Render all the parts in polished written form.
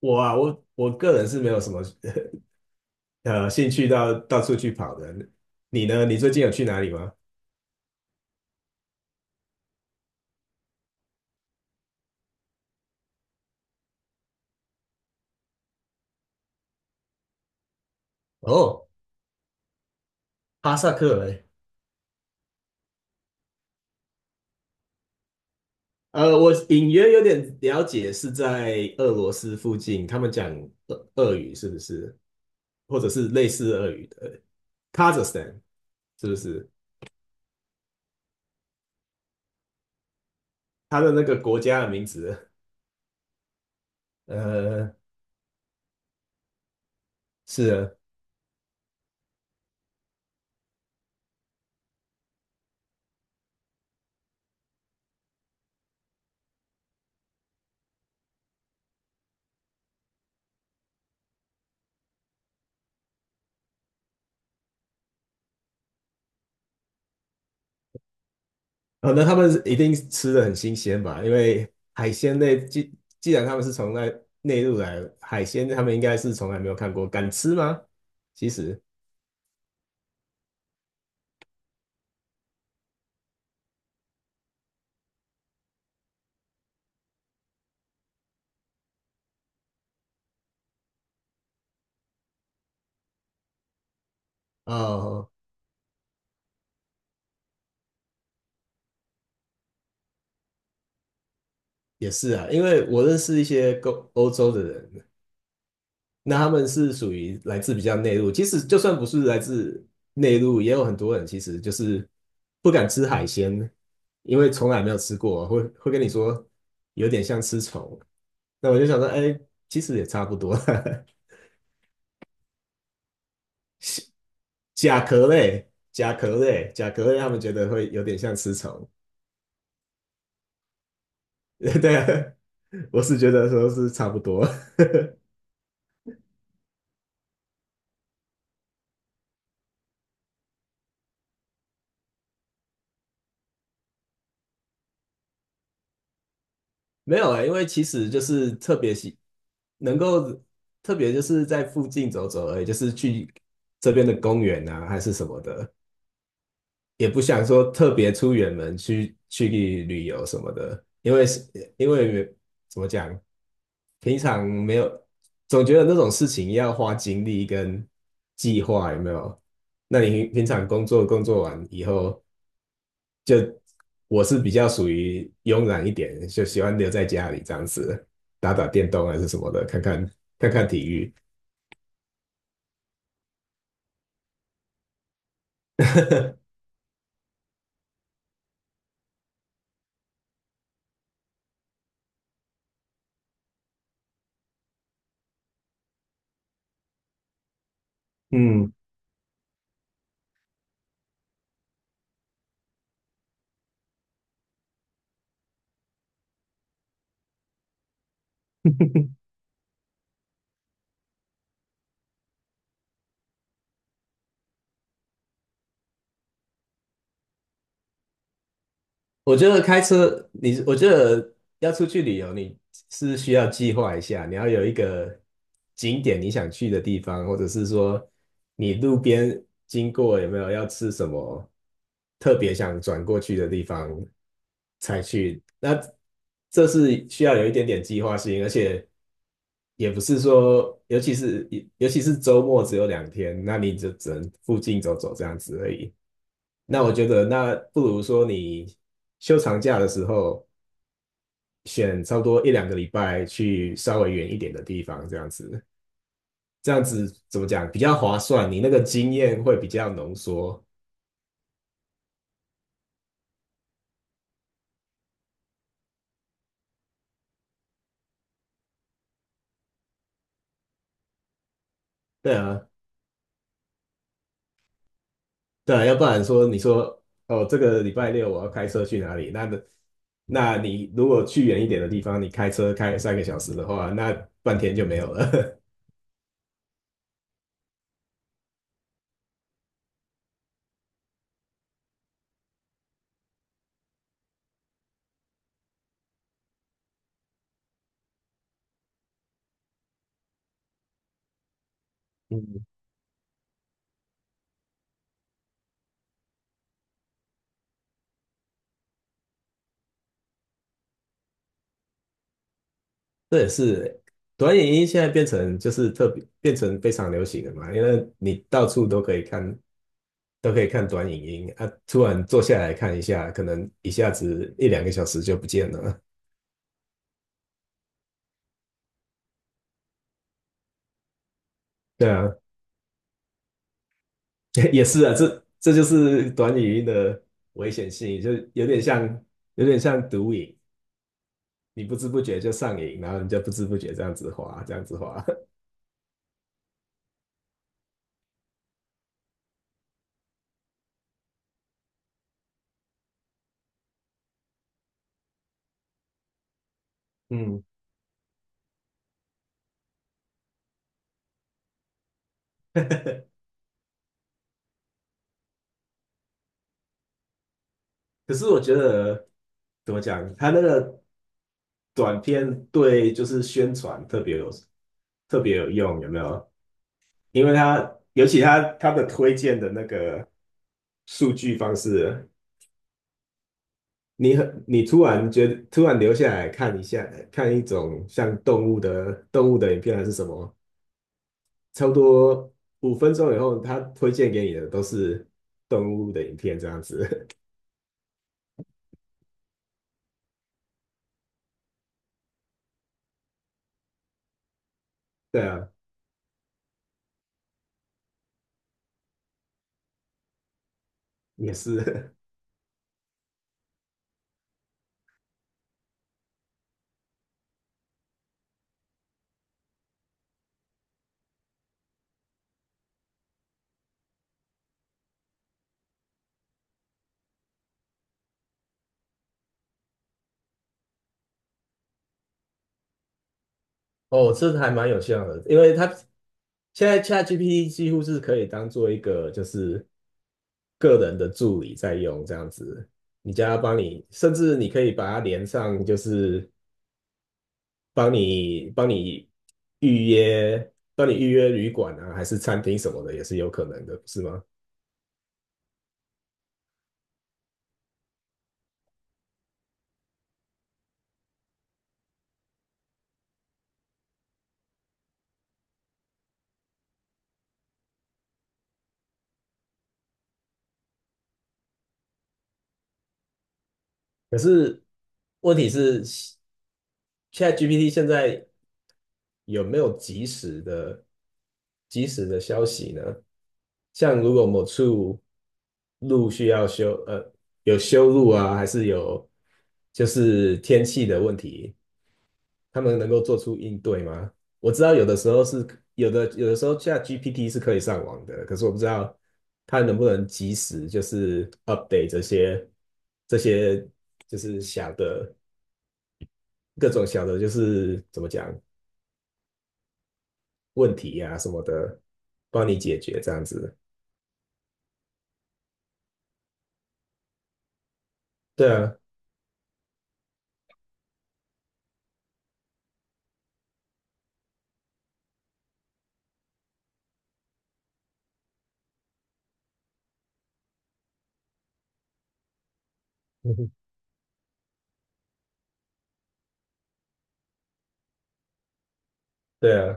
我啊，我个人是没有什么 兴趣到处去跑的。你呢？你最近有去哪里吗？哦，哈萨克哎。我隐约有点了解，是在俄罗斯附近，他们讲俄语是不是？或者是类似俄语的 Kazakhstan 是不是？他的那个国家的名字。呃，是啊。哦，那他们一定吃的很新鲜吧？因为海鲜类，既然他们是从那内陆来，海鲜他们应该是从来没有看过，敢吃吗？其实，哦，也是啊，因为我认识一些欧洲的人，那他们是属于来自比较内陆，其实就算不是来自内陆，也有很多人其实就是不敢吃海鲜，因为从来没有吃过，会跟你说有点像吃虫。那我就想说，哎，其实也差不多。甲壳类，甲壳类，甲壳类，他们觉得会有点像吃虫。对啊，我是觉得说是差不多。没有啊、因为其实就是特别喜，能够特别就是在附近走走而已，就是去这边的公园啊，还是什么的。也不想说特别出远门去旅游什么的，因为是因为怎么讲，平常没有，总觉得那种事情要花精力跟计划，有没有？那你平常工作完以后，就我是比较属于慵懒一点，就喜欢留在家里这样子，打打电动还是什么的，看看体育。嗯，我觉得开车，你我觉得要出去旅游，你是需要计划一下，你要有一个景点你想去的地方，或者是说你路边经过有没有要吃什么特别想转过去的地方才去。那这是需要有一点点计划性，而且也不是说，尤其是周末只有两天，那你就只能附近走走这样子而已。那我觉得，那不如说你休长假的时候，选差不多一两个礼拜去稍微远一点的地方，这样子，这样子怎么讲比较划算？你那个经验会比较浓缩。对啊，对啊，要不然说你说哦，这个礼拜六我要开车去哪里？那你如果去远一点的地方，你开车开三个小时的话，那半天就没有了。这也是短影音现在变成就是特别变成非常流行的嘛，因为你到处都可以看，都可以看短影音啊，突然坐下来看一下，可能一下子一两个小时就不见了。对啊，也是啊，这就是短影音的危险性，就有点像有点像毒瘾，你不知不觉就上瘾，然后你就不知不觉这样子滑，这样子滑。嗯。可是我觉得怎么讲，他那个短片对就是宣传特别有特别有用，有没有？因为他尤其他的推荐的那个数据方式，你很你突然觉得突然留下来看一下，看一种像动物的动物的影片还是什么，差不多五分钟以后，他推荐给你的都是动物的影片这样子。对啊，也是。哦，这还蛮有效的，因为它现在 ChatGPT 几乎是可以当做一个就是个人的助理在用这样子，你叫它帮你，甚至你可以把它连上，就是帮你预约，帮你预约旅馆啊，还是餐厅什么的，也是有可能的，不是吗？可是问题是，ChatGPT 现在有没有及时的消息呢？像如果某处路需要修，有修路啊，还是有就是天气的问题，他们能够做出应对吗？我知道有的时候是有的，有的时候 c g p t 是可以上网的，可是我不知道它能不能及时就是 update 这些这些就是小的各种小的，就是怎么讲问题呀、什么的，帮你解决这样子。对啊，对啊。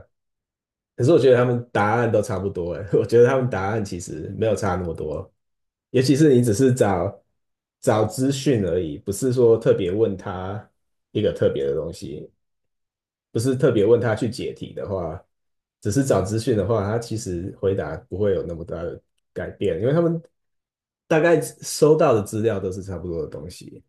可是我觉得他们答案都差不多哎，我觉得他们答案其实没有差那么多，尤其是你只是找找资讯而已，不是说特别问他一个特别的东西，不是特别问他去解题的话，只是找资讯的话，他其实回答不会有那么大的改变，因为他们大概收到的资料都是差不多的东西。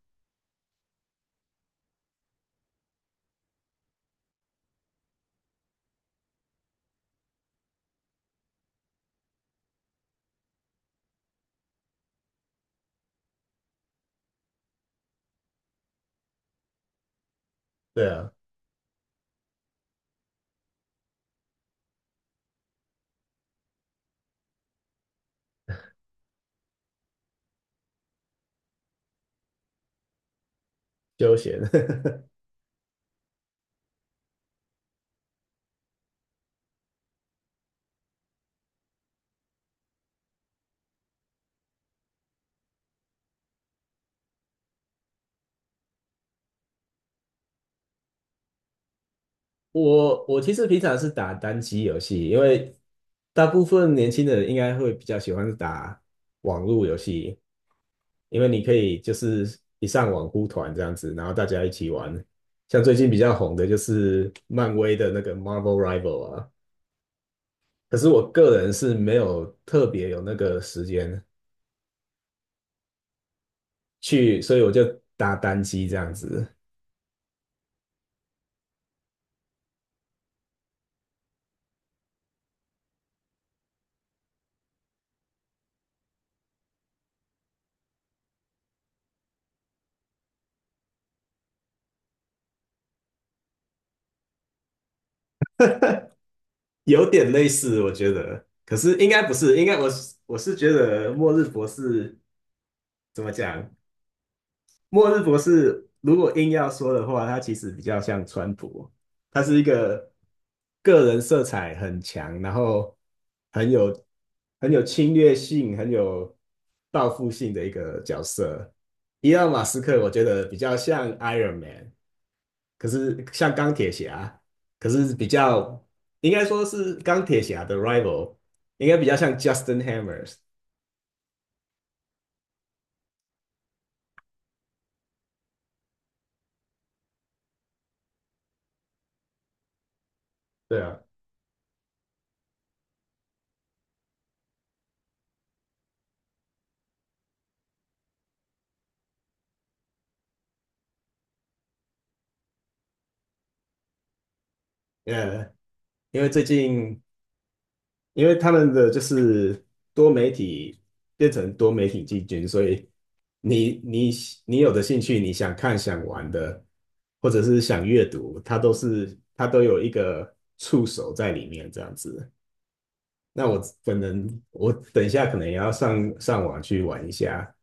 对啊，休闲。我其实平常是打单机游戏，因为大部分年轻的人应该会比较喜欢打网络游戏，因为你可以就是一上网呼团这样子，然后大家一起玩。像最近比较红的就是漫威的那个 Marvel Rival 啊，可是我个人是没有特别有那个时间去，所以我就打单机这样子。有点类似，我觉得，可是应该不是，应该我觉得《末日博士》怎么讲？末日博士如果硬要说的话，他其实比较像川普，他是一个个人色彩很强，然后很有很有侵略性、很有报复性的一个角色。伊隆马斯克我觉得比较像 Iron Man，可是像钢铁侠，可是比较应该说是钢铁侠的 rival，应该比较像 Justin Hammers。对啊，呃，因为最近因为他们的就是多媒体变成多媒体进军，所以你你你有的兴趣，你想看、想玩的，或者是想阅读，它都是它都有一个触手在里面这样子。那我可能我等一下可能也要上网去玩一下。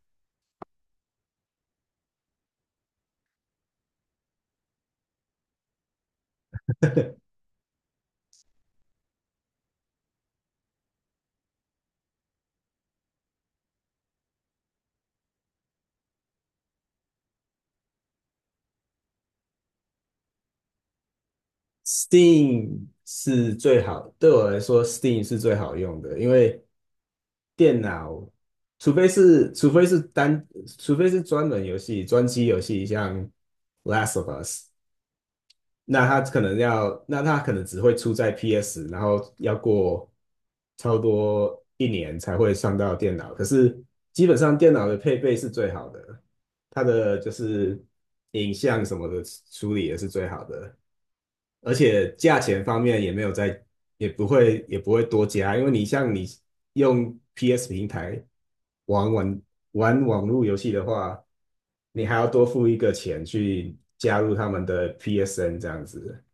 Steam 是最好，对我来说，Steam 是最好用的，因为电脑，除非是除非是单，除非是专门游戏、专机游戏，像《Last of Us》，那它可能要，那它可能只会出在 PS，然后要过超多一年才会上到电脑。可是基本上电脑的配备是最好的，它的就是影像什么的处理也是最好的。而且价钱方面也没有在，也不会多加，因为你像你用 PS 平台玩玩玩网络游戏的话，你还要多付一个钱去加入他们的 PSN 这样子。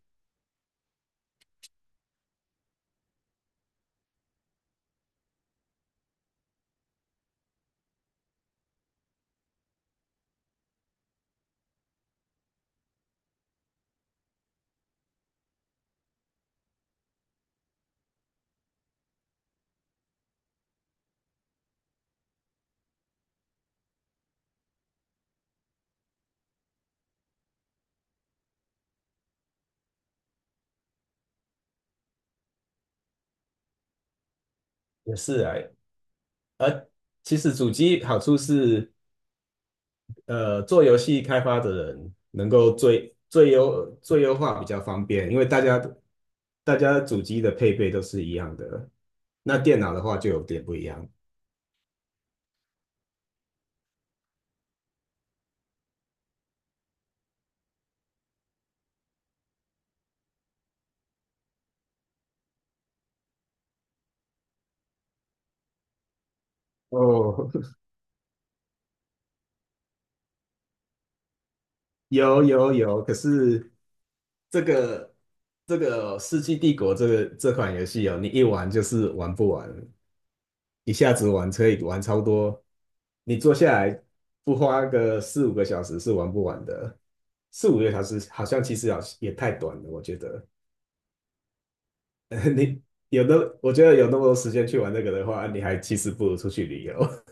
也是啊，而其实主机好处是做游戏开发的人能够最优化比较方便，因为大家主机的配备都是一样的，那电脑的话就有点不一样。哦，有有有，可是这个这个《世纪帝国》这款游戏哦，你一玩就是玩不完。一下子玩车以玩超多，你坐下来不花个四五个小时是玩不完的。四五个小时好像其实好也太短了，我觉得。你有的，我觉得有那么多时间去玩那个的话，你还其实不如出去旅游。